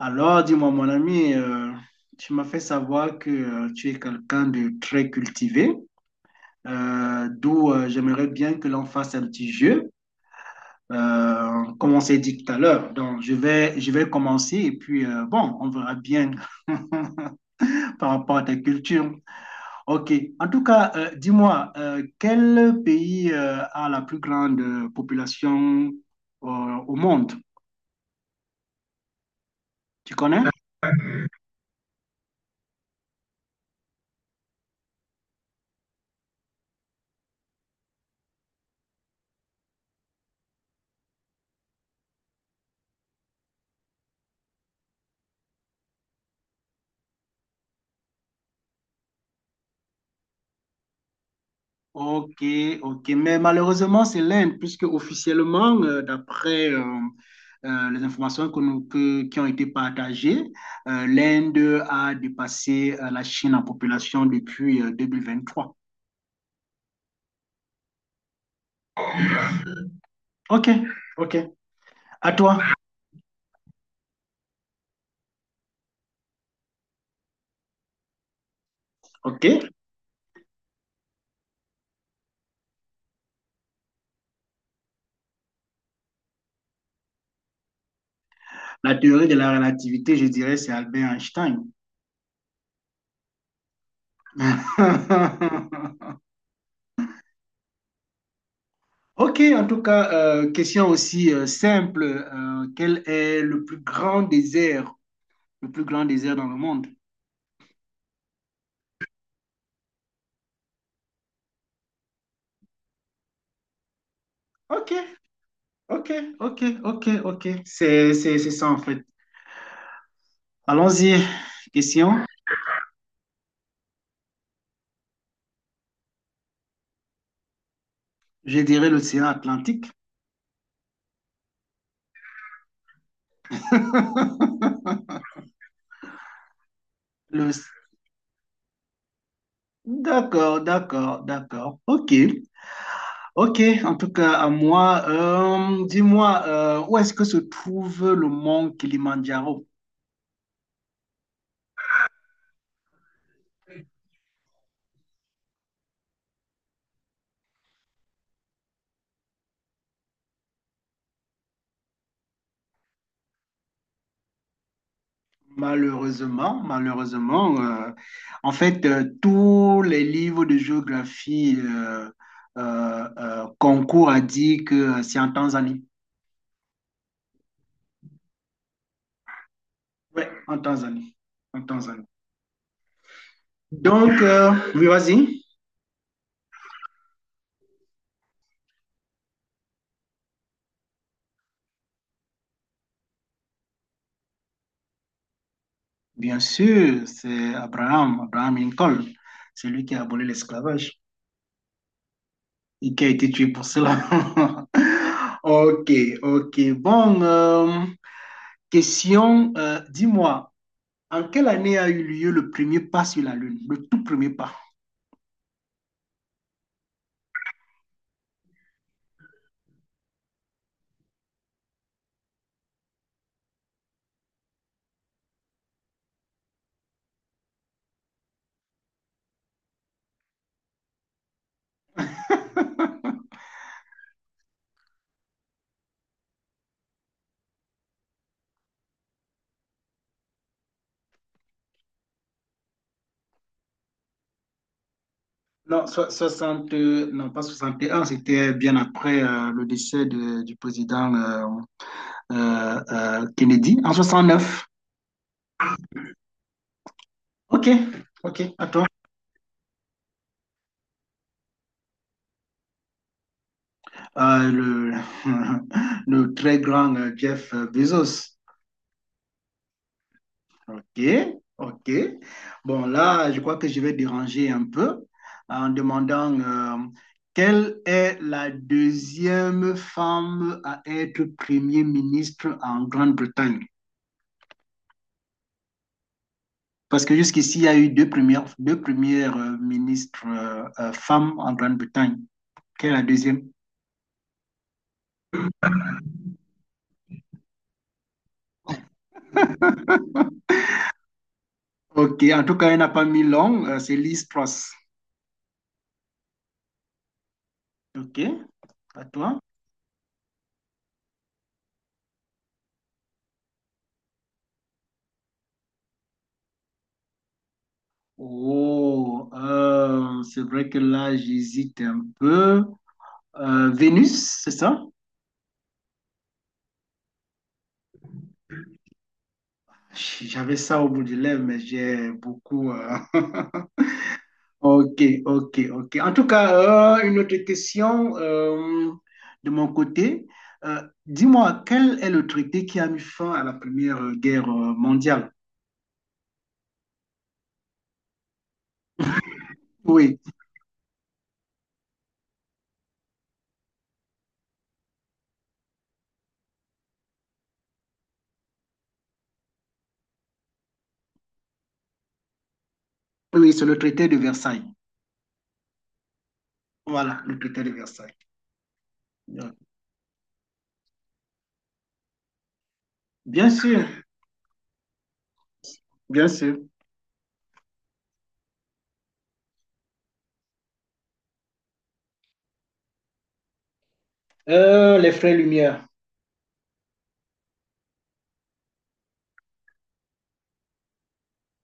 Alors, dis-moi, mon ami, tu m'as fait savoir que tu es quelqu'un de très cultivé, d'où j'aimerais bien que l'on fasse un petit jeu, comme on s'est dit tout à l'heure. Donc, je vais commencer et puis, bon, on verra bien par rapport à ta culture. OK. En tout cas, dis-moi, quel pays a la plus grande population au monde? Tu connais? Ok, ok. Mais malheureusement, c'est l'Inde, puisque officiellement, d'après les informations qui ont été partagées, l'Inde a dépassé la Chine en population depuis trois. Ok, ok. À toi. Ok. La théorie de la relativité, je dirais, c'est Albert Einstein. Ok, en tout cas, question aussi simple. Quel est le plus grand désert, le plus grand désert dans le monde? Ok. Ok, ok, ok, ok. C'est ça en fait. Allons-y. Question. Je dirais l'océan Atlantique. Le- D'accord, d'accord, d'accord. Ok, ok. En tout cas, à moi, dis-moi, où est-ce que se trouve le mont Kilimandjaro? Malheureusement, malheureusement, en fait, tous les livres de géographie concourent à dire que c'est en Tanzanie. Oui, en Tanzanie. En Tanzanie. Donc, oui, vas-y. Bien sûr, c'est Abraham Lincoln. C'est lui qui a aboli l'esclavage et qui a été tué pour cela. Ok, ok. Bon, question, dis-moi, en quelle année a eu lieu le premier pas sur la Lune? Le tout premier pas. 60, non, pas 61. C'était bien après le décès du président. Kennedy en 69. Ok, ok, attends. Euh, le, le très grand Jeff Bezos. Ok, ok. Bon, là, je crois que je vais déranger un peu en demandant quelle est la deuxième femme à être Premier ministre en Grande-Bretagne? Parce que jusqu'ici, il y a eu deux premières ministres femmes en Grande-Bretagne. Quelle est la deuxième? Ok, en tout cas, elle n'a pas mis long. Euh, c'est Liz Truss. Ok, à toi. Oh, c'est vrai que là, j'hésite un peu. Vénus, c'est ça? J'avais ça au bout des lèvres, mais j'ai beaucoup. Euh, Ok, ok, ok. En tout cas, une autre question de mon côté. Euh, dis-moi, quel est le traité qui a mis fin à la Première Guerre mondiale? Oui, oui, c'est le traité de Versailles. Voilà, le critère de Versailles. Donc, bien sûr, bien sûr. Les frères Lumière.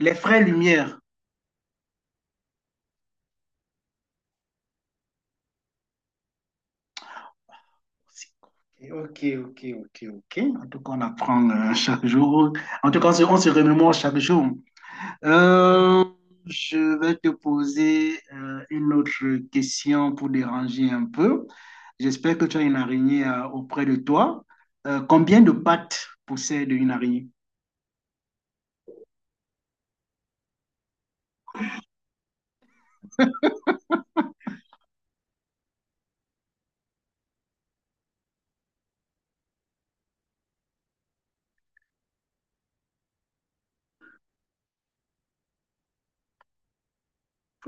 Les frères Lumière. Ok, ok, ok, ok. En tout cas, on apprend chaque jour. En tout cas, on se remémore chaque jour. Euh, je vais te poser une autre question pour déranger un peu. J'espère que tu as une araignée auprès de toi. Combien de pattes possède une araignée?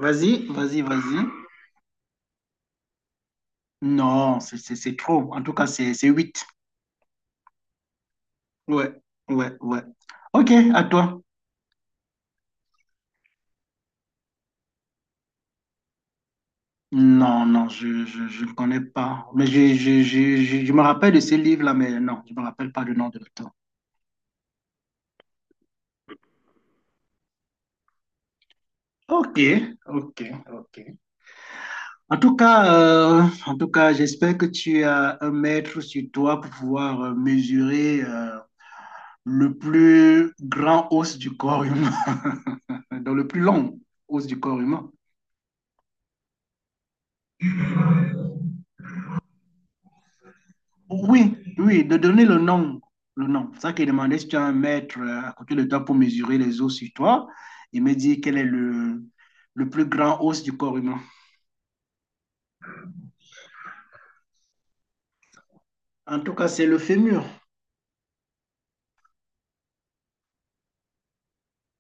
Vas-y, vas-y, vas-y. Non, c'est trop. En tout cas, c'est 8. Ouais, ouais, ouais. Ok, à toi. Non, non, je ne connais pas. Mais je me rappelle de ce livre-là, mais non, je ne me rappelle pas du nom de l'auteur. Ok, ok, ok. En tout cas, j'espère que tu as un mètre sur toi pour pouvoir mesurer le plus grand os du corps humain, dans le plus long os du corps humain. Oui, oui, de donner le nom. Le nom. C'est ça qu'il demandait si tu as un mètre à côté de toi pour mesurer les os sur toi. Il me dit quel est le plus grand os du corps humain. En tout cas, c'est le fémur.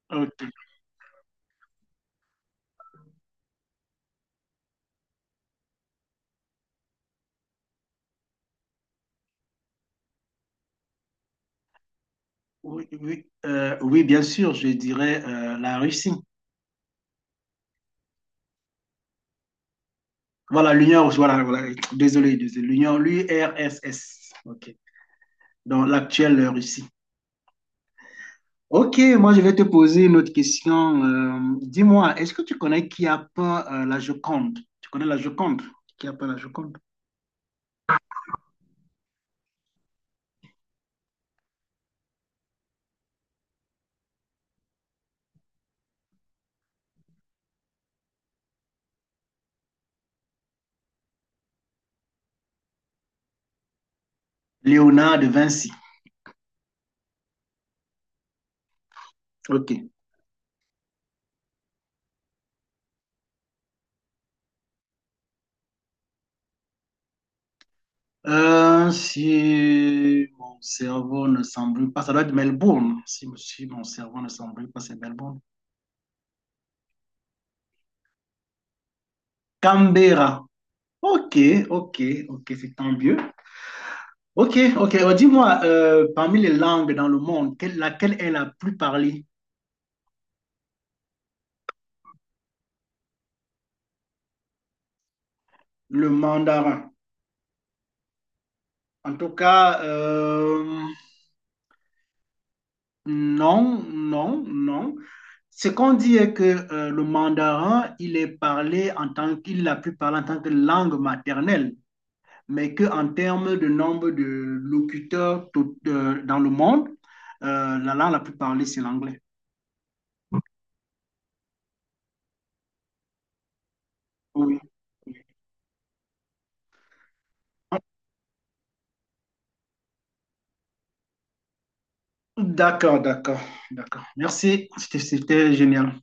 Ok. Oui, oui, oui, bien sûr, je dirais la Russie. Voilà, l'Union, voilà, voilà, désolé, désolé, l'Union, l'U R S S. Ok. Donc, l'actuelle Russie. Ok, moi je vais te poser une autre question. Dis-moi, est-ce que tu connais qui a peint la Joconde? Tu connais la Joconde? Qui a peint la Joconde? Léonard de Vinci. Ok. Si mon cerveau ne s'embrouille pas, ça doit être Melbourne. Si, si mon cerveau ne s'embrouille pas, c'est Melbourne. Canberra. Ok, ok, ok, c'est tant mieux. Ok, ok. Dis-moi, parmi les langues dans le monde, quelle- laquelle est la plus parlée? Le mandarin. En tout cas, non, non, non. Ce qu'on dit est que le mandarin, il est parlé en tant qu'il a pu parler en tant que langue maternelle, mais qu'en termes de nombre de locuteurs tout- dans le monde, la langue la plus parlée, c'est l'anglais. Oui. D'accord, d'accord, d'accord. Merci, c'était génial.